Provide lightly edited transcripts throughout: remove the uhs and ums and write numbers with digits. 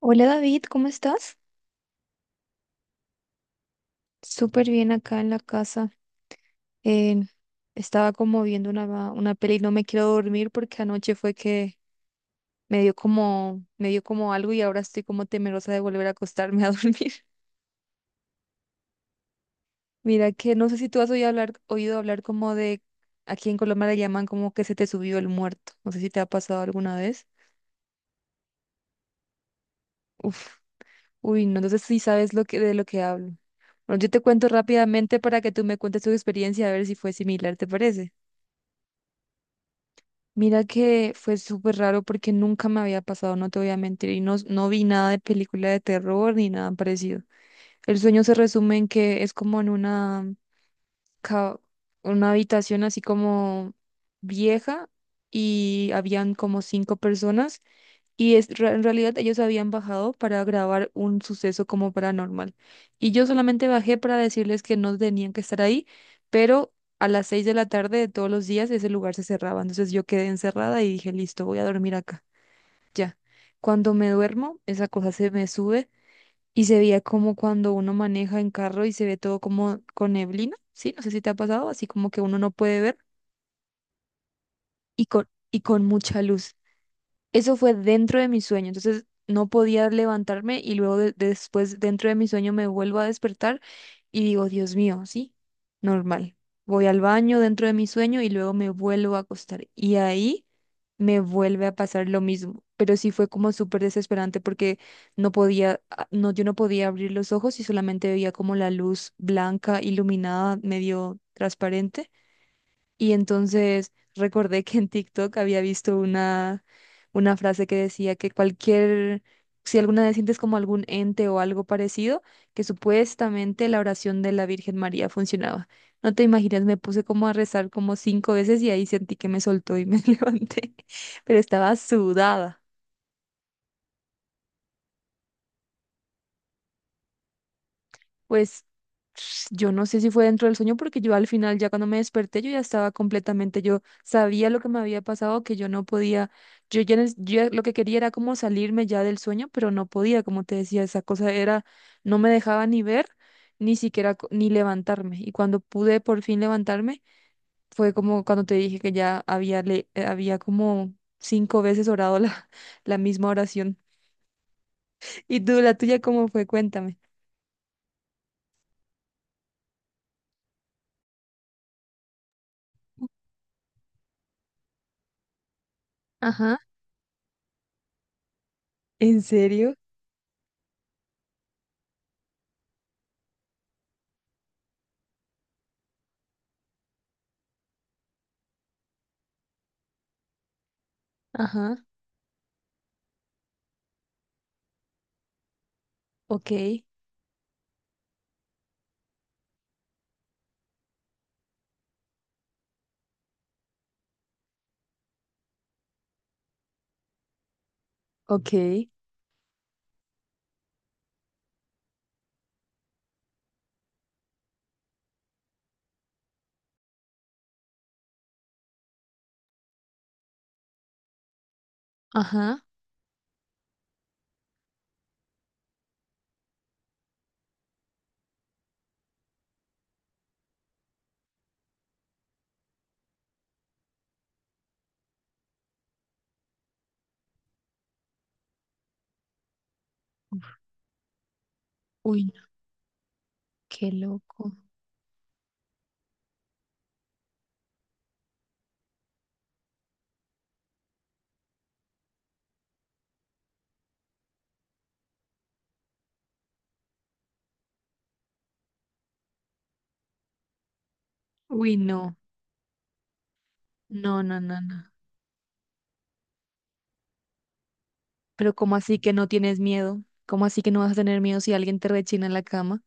Hola David, ¿cómo estás? Súper bien acá en la casa. Eh, estaba como viendo una peli y no me quiero dormir porque anoche fue que me dio como algo y ahora estoy como temerosa de volver a acostarme a dormir. Mira que no sé si tú has oído hablar como de, aquí en Colombia le llaman como que se te subió el muerto. No sé si te ha pasado alguna vez. Uf, uy, no, entonces sí sabes de lo que hablo. Bueno, yo te cuento rápidamente para que tú me cuentes tu experiencia a ver si fue similar, ¿te parece? Mira que fue súper raro porque nunca me había pasado, no te voy a mentir, y no, no vi nada de película de terror ni nada parecido. El sueño se resume en que es como en ca- una habitación así como vieja y habían como cinco personas en realidad ellos habían bajado para grabar un suceso como paranormal. Y yo solamente bajé para decirles que no tenían que estar ahí, pero a las 6 de la tarde de todos los días ese lugar se cerraba. Entonces yo quedé encerrada y dije, listo, voy a dormir acá. Ya. Cuando me duermo, esa cosa se me sube y se veía como cuando uno maneja en carro y se ve todo como con neblina, ¿sí? No sé si te ha pasado, así como que uno no puede ver y con mucha luz. Eso fue dentro de mi sueño, entonces no podía levantarme y luego después dentro de mi sueño me vuelvo a despertar y digo, Dios mío, sí, normal. Voy al baño dentro de mi sueño y luego me vuelvo a acostar y ahí me vuelve a pasar lo mismo, pero sí fue como súper desesperante porque no podía, no, yo no podía abrir los ojos y solamente veía como la luz blanca, iluminada, medio transparente y entonces recordé que en TikTok había visto una frase que decía que cualquier, si alguna vez sientes como algún ente o algo parecido, que supuestamente la oración de la Virgen María funcionaba. No te imaginas, me puse como a rezar como cinco veces y ahí sentí que me soltó y me levanté, pero estaba sudada. Pues yo no sé si fue dentro del sueño porque yo al final ya cuando me desperté yo ya estaba completamente, yo sabía lo que me había pasado, que yo no podía, yo ya, yo ya lo que quería era como salirme ya del sueño, pero no podía, como te decía, esa cosa era, no me dejaba ni ver, ni siquiera ni levantarme. Y cuando pude por fin levantarme, fue como cuando te dije que ya había, le había como cinco veces orado la, la misma oración. ¿Y tú, la tuya, cómo fue? Cuéntame. Ajá. ¿En serio? Ajá. Ok, ok, ajá. Uy, no, qué loco. Uy, no, no, no, no, no. Pero ¿cómo así que no tienes miedo? ¿Cómo así que no vas a tener miedo si alguien te rechina en la cama?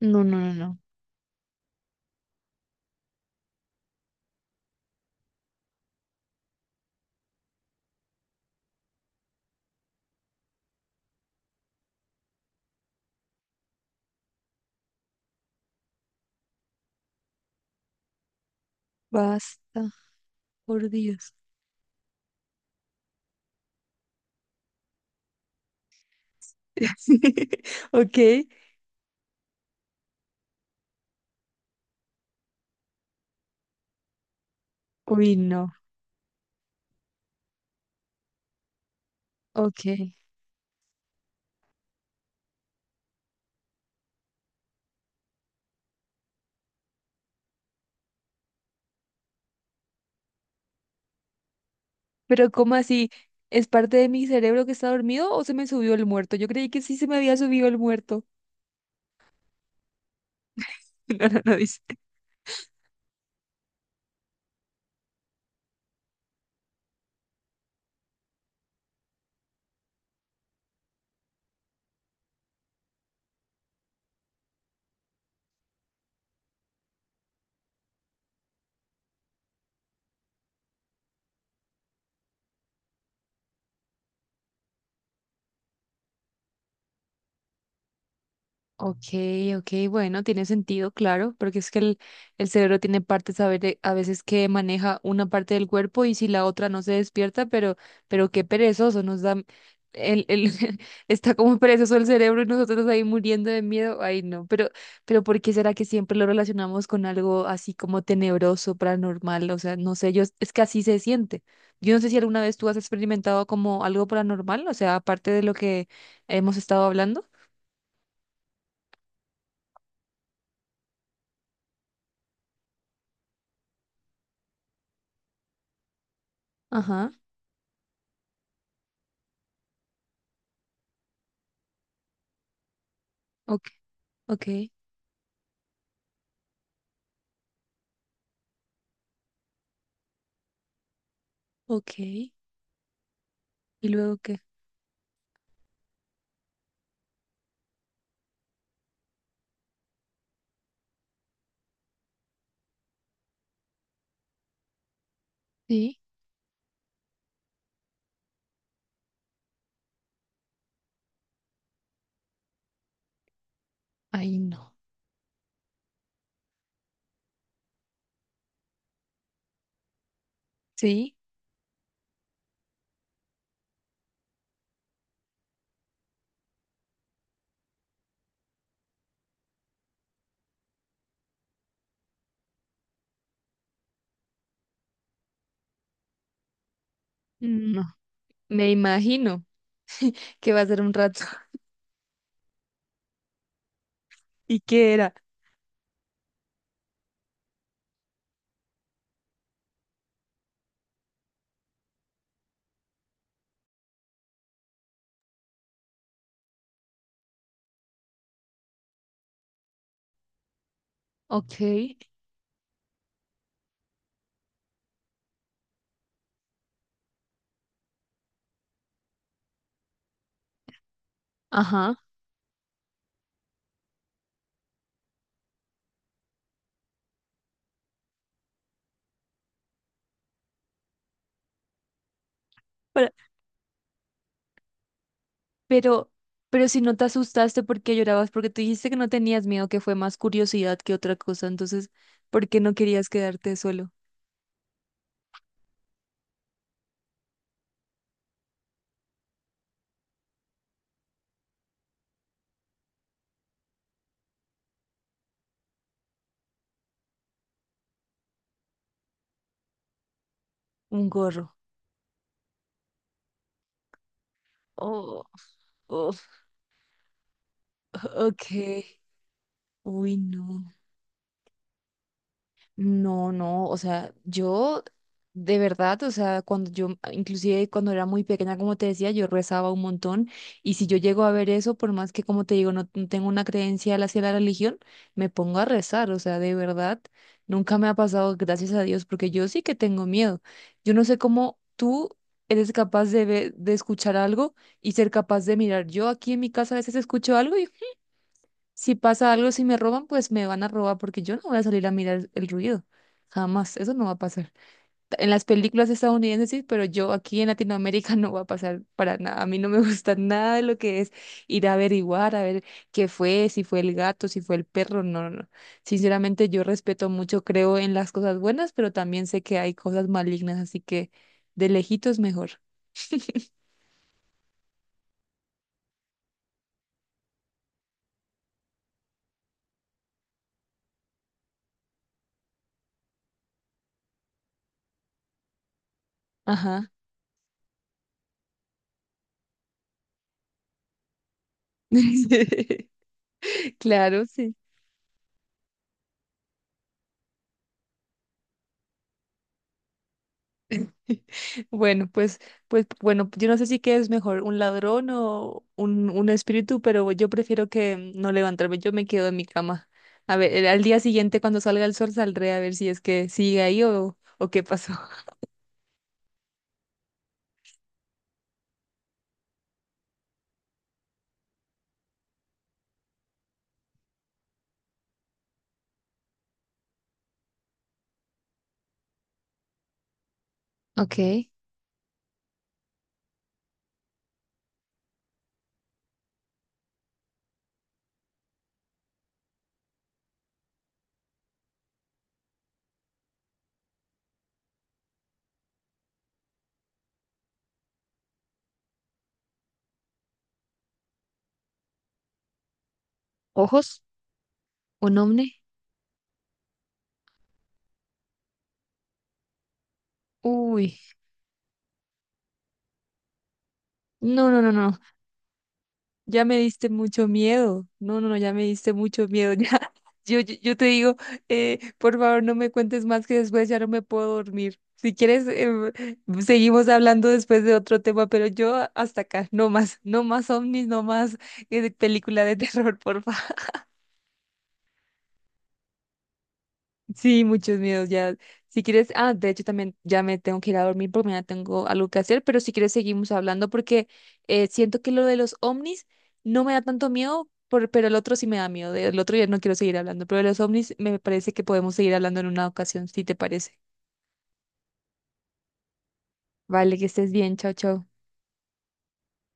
No, no, no, no. Basta, por Dios. Ok, uy, no, ok. Pero ¿cómo así? ¿Es parte de mi cerebro que está dormido o se me subió el muerto? Yo creí que sí se me había subido el muerto. No, no, no dice. Ok, ok, bueno, tiene sentido, claro, porque es que el cerebro tiene partes a veces que maneja una parte del cuerpo y si la otra no se despierta, pero qué perezoso nos da, el, el, está como perezoso el cerebro y nosotros ahí muriendo de miedo, ay no, pero ¿por qué será que siempre lo relacionamos con algo así como tenebroso, paranormal? O sea, no sé, yo, es que así se siente. Yo no sé si alguna vez tú has experimentado como algo paranormal, o sea, aparte de lo que hemos estado hablando. Ajá, ok. Ok, ok. ¿Y luego qué? Sí, ahí no. Sí, no, me imagino que va a ser un rato. ¿Y qué era? Ok, ajá. pero, Pero, pero si no te asustaste, ¿por qué llorabas? Porque tú dijiste que no tenías miedo, que fue más curiosidad que otra cosa. Entonces, ¿por qué no querías quedarte solo? Un gorro. Oh, oh, ok. Uy, no. No, no, o sea, yo de verdad, o sea, cuando yo, inclusive cuando era muy pequeña, como te decía, yo rezaba un montón y si yo llego a ver eso, por más que como te digo, no, no tengo una creencia hacia la religión, me pongo a rezar, o sea, de verdad, nunca me ha pasado, gracias a Dios, porque yo sí que tengo miedo. Yo no sé cómo tú eres capaz de ver, de escuchar algo y ser capaz de mirar. Yo aquí en mi casa a veces escucho algo si pasa algo, si me roban, pues me van a robar porque yo no voy a salir a mirar el ruido. Jamás, eso no va a pasar. En las películas estadounidenses sí, pero yo aquí en Latinoamérica no va a pasar para nada. A mí no me gusta nada de lo que es ir a averiguar, a ver qué fue, si fue el gato, si fue el perro. No, no, no. Sinceramente yo respeto mucho, creo en las cosas buenas, pero también sé que hay cosas malignas, así que de lejitos mejor. Ajá. Claro, sí. Bueno, pues, pues, bueno, yo no sé si qué es mejor, un ladrón o un espíritu, pero yo prefiero que no levantarme, yo me quedo en mi cama. A ver, al día siguiente cuando salga el sol saldré a ver si es que sigue ahí o qué pasó. Ok. ¿Ojos? ¿Un ovni? Uy, no, no, no, no. Ya me diste mucho miedo. No, no, no, ya me diste mucho miedo. Ya, yo te digo, por favor, no me cuentes más que después ya no me puedo dormir. Si quieres, seguimos hablando después de otro tema, pero yo hasta acá, no más, no más ovnis, no más película de terror, por favor. Sí, muchos miedos ya. Si quieres, ah, de hecho también ya me tengo que ir a dormir porque mañana tengo algo que hacer, pero si quieres seguimos hablando porque siento que lo de los ovnis no me da tanto miedo, pero el otro sí me da miedo. Del otro ya no quiero seguir hablando, pero de los ovnis me parece que podemos seguir hablando en una ocasión, si te parece. Vale, que estés bien, chao, chao.